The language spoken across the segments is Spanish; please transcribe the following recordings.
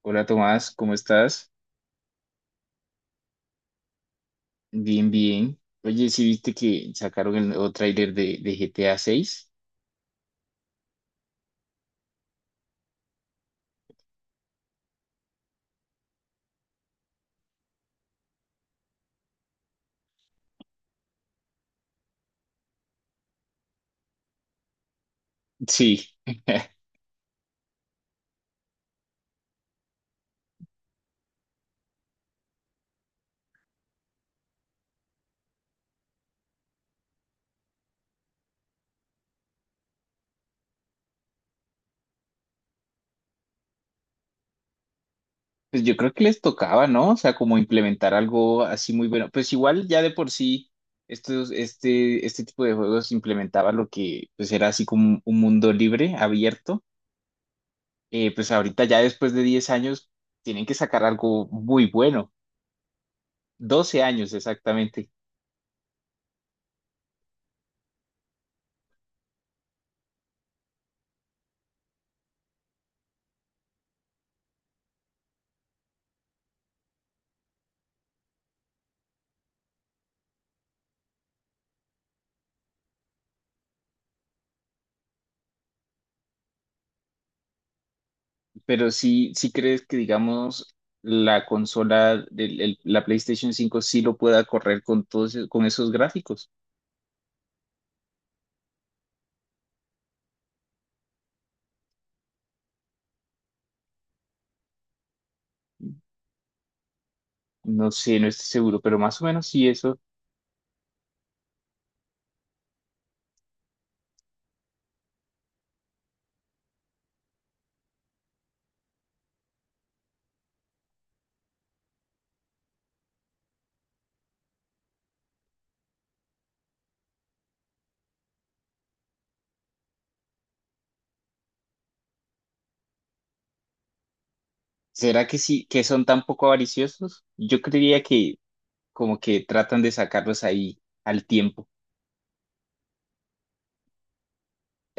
Hola Tomás, ¿cómo estás? Bien, bien. Oye, ¿sí viste que sacaron el nuevo tráiler de GTA 6? Sí. Pues yo creo que les tocaba, ¿no? O sea, como implementar algo así muy bueno. Pues igual ya de por sí, este tipo de juegos implementaba lo que pues era así como un mundo libre, abierto. Pues ahorita ya después de 10 años tienen que sacar algo muy bueno. 12 años exactamente. Pero sí, ¿sí crees que, digamos, la consola, la PlayStation 5 sí lo pueda correr con todos, con esos gráficos? No sé, no estoy seguro, pero más o menos sí eso. ¿Será que sí, que son tan poco avariciosos? Yo creería que como que tratan de sacarlos ahí al tiempo.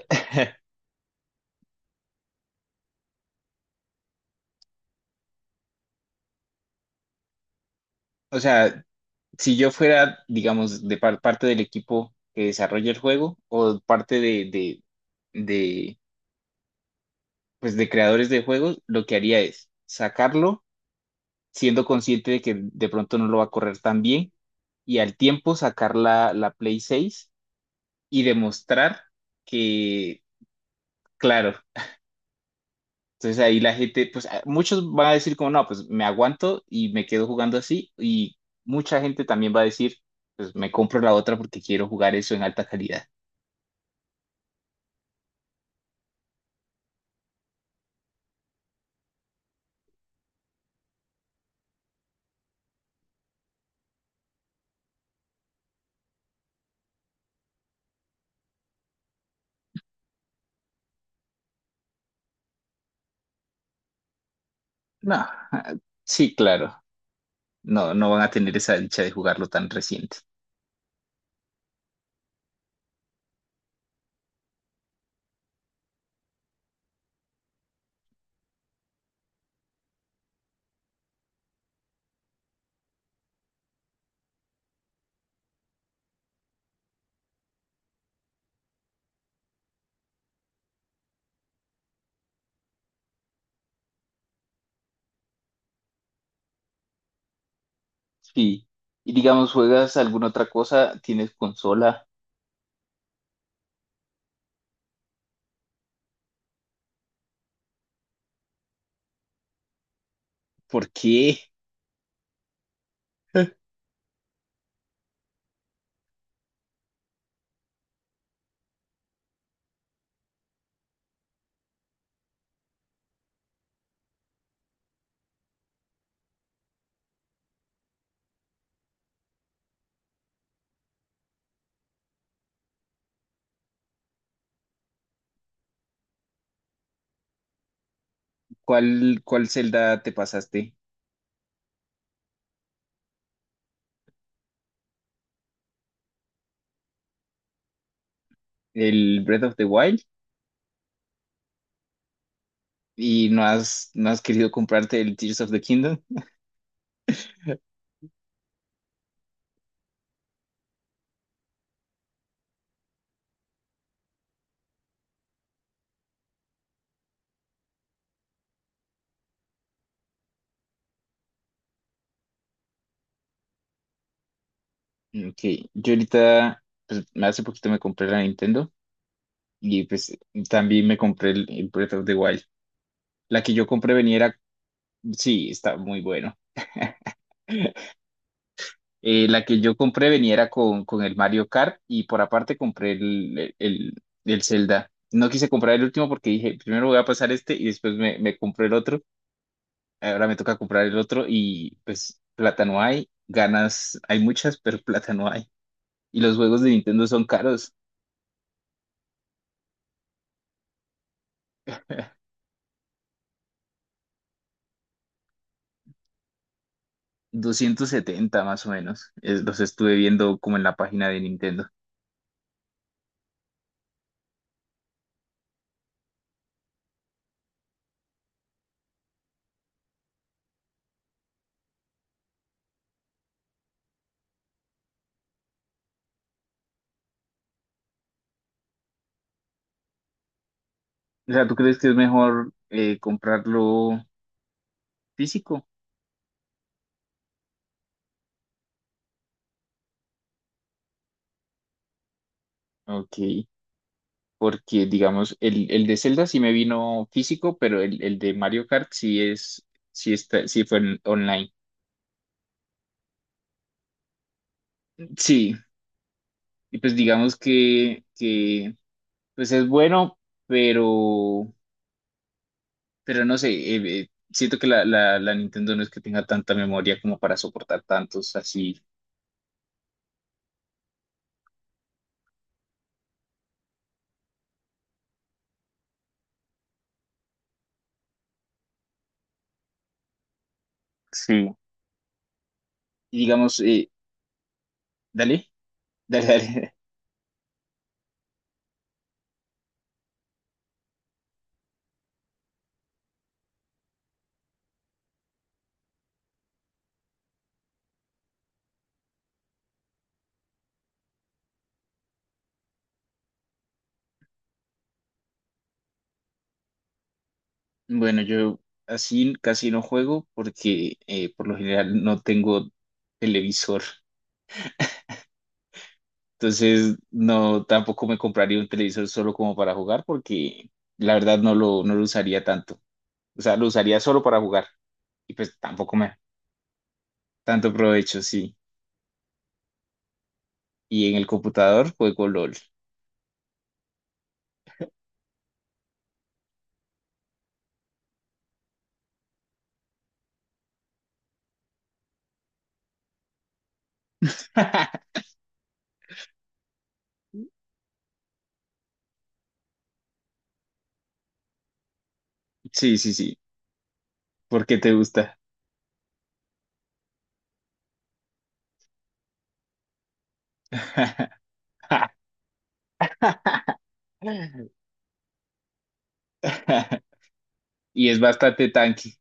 O sea, si yo fuera, digamos, parte del equipo que desarrolla el juego o parte de pues de creadores de juegos, lo que haría es sacarlo siendo consciente de que de pronto no lo va a correr tan bien y al tiempo sacar la Play 6 y demostrar que, claro, entonces ahí la gente, pues muchos van a decir como, no, pues me aguanto y me quedo jugando así, y mucha gente también va a decir, pues me compro la otra porque quiero jugar eso en alta calidad. No, ah, sí, claro, no, no van a tener esa dicha de jugarlo tan reciente. Sí. Y digamos, ¿juegas alguna otra cosa? ¿Tienes consola? ¿Por qué? Cuál Zelda te pasaste? ¿El Breath of the Wild? ¿Y no has, no has querido comprarte el Tears of the Kingdom? Ok, yo ahorita, pues hace poquito me compré la Nintendo y pues también me compré el Breath of the Wild. La que yo compré venía, era- sí, está muy bueno. La que yo compré venía era con el Mario Kart y por aparte compré el Zelda. No quise comprar el último porque dije, primero voy a pasar este y después me compré el otro. Ahora me toca comprar el otro y pues plata no hay, ganas hay muchas, pero plata no hay. Y los juegos de Nintendo son caros, 270 más o menos, los estuve viendo como en la página de Nintendo. O sea, ¿tú crees que es mejor comprarlo físico? Ok, porque digamos, el de Zelda sí me vino físico, pero el de Mario Kart sí es, sí está, online. Sí, y pues digamos que pues es bueno, pero Pero no sé, siento que la Nintendo no es que tenga tanta memoria como para soportar tantos así. Sí. Y digamos, dale, dale, dale. Bueno, yo así casi no juego porque por lo general no tengo televisor. Entonces, no, tampoco me compraría un televisor solo como para jugar porque la verdad no lo, no lo usaría tanto. O sea, lo usaría solo para jugar y pues tampoco me tanto provecho, sí. Y en el computador juego LOL. Sí, sí, sí, porque te gusta. Y es bastante tanque.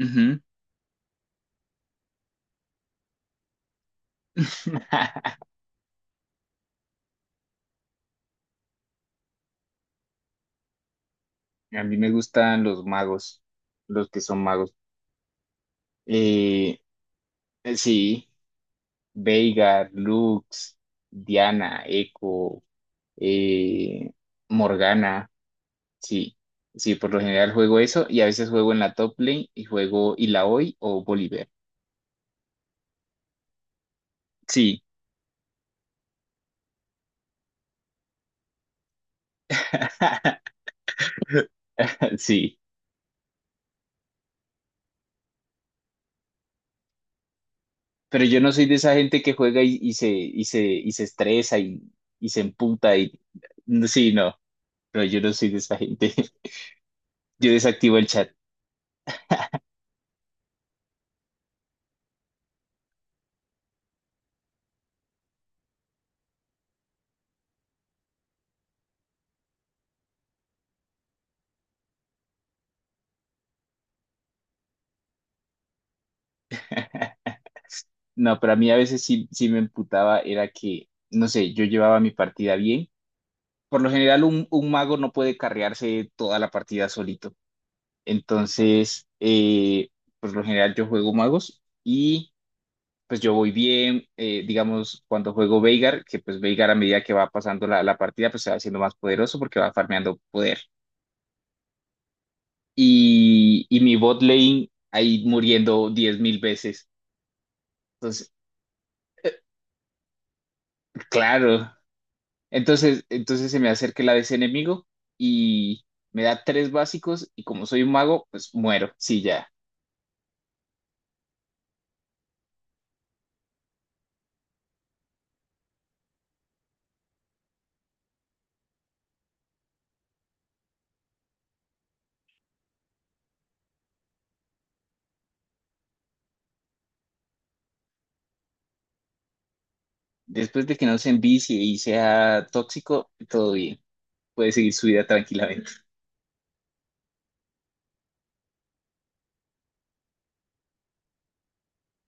Ujú. A mí me gustan los magos, los que son magos. Eh, sí, Veigar, Lux, Diana, Echo, eh, Morgana, sí. Sí, por lo general juego eso y a veces juego en la top lane y juego Illaoi o Bolívar. Sí, sí. Pero yo no soy de esa gente que juega y se estresa y se emputa y no, sí, no, pero yo no soy de esa gente. Yo desactivo el chat. No, pero a mí a veces sí, sí me emputaba, era que, no sé, yo llevaba mi partida bien. Por lo general, un mago no puede carrearse toda la partida solito. Entonces, por lo general yo juego magos, pues yo voy bien, digamos, cuando juego Veigar, que pues Veigar a medida que va pasando la partida, pues se va haciendo más poderoso porque va farmeando poder. Y mi bot lane ahí muriendo 10.000 veces. Entonces, eh, claro. Entonces, entonces se me acerca el ese enemigo y me da 3 básicos y como soy un mago, pues muero. Sí, ya. Después de que no se envicie y sea tóxico, todo bien. Puede seguir su vida tranquilamente.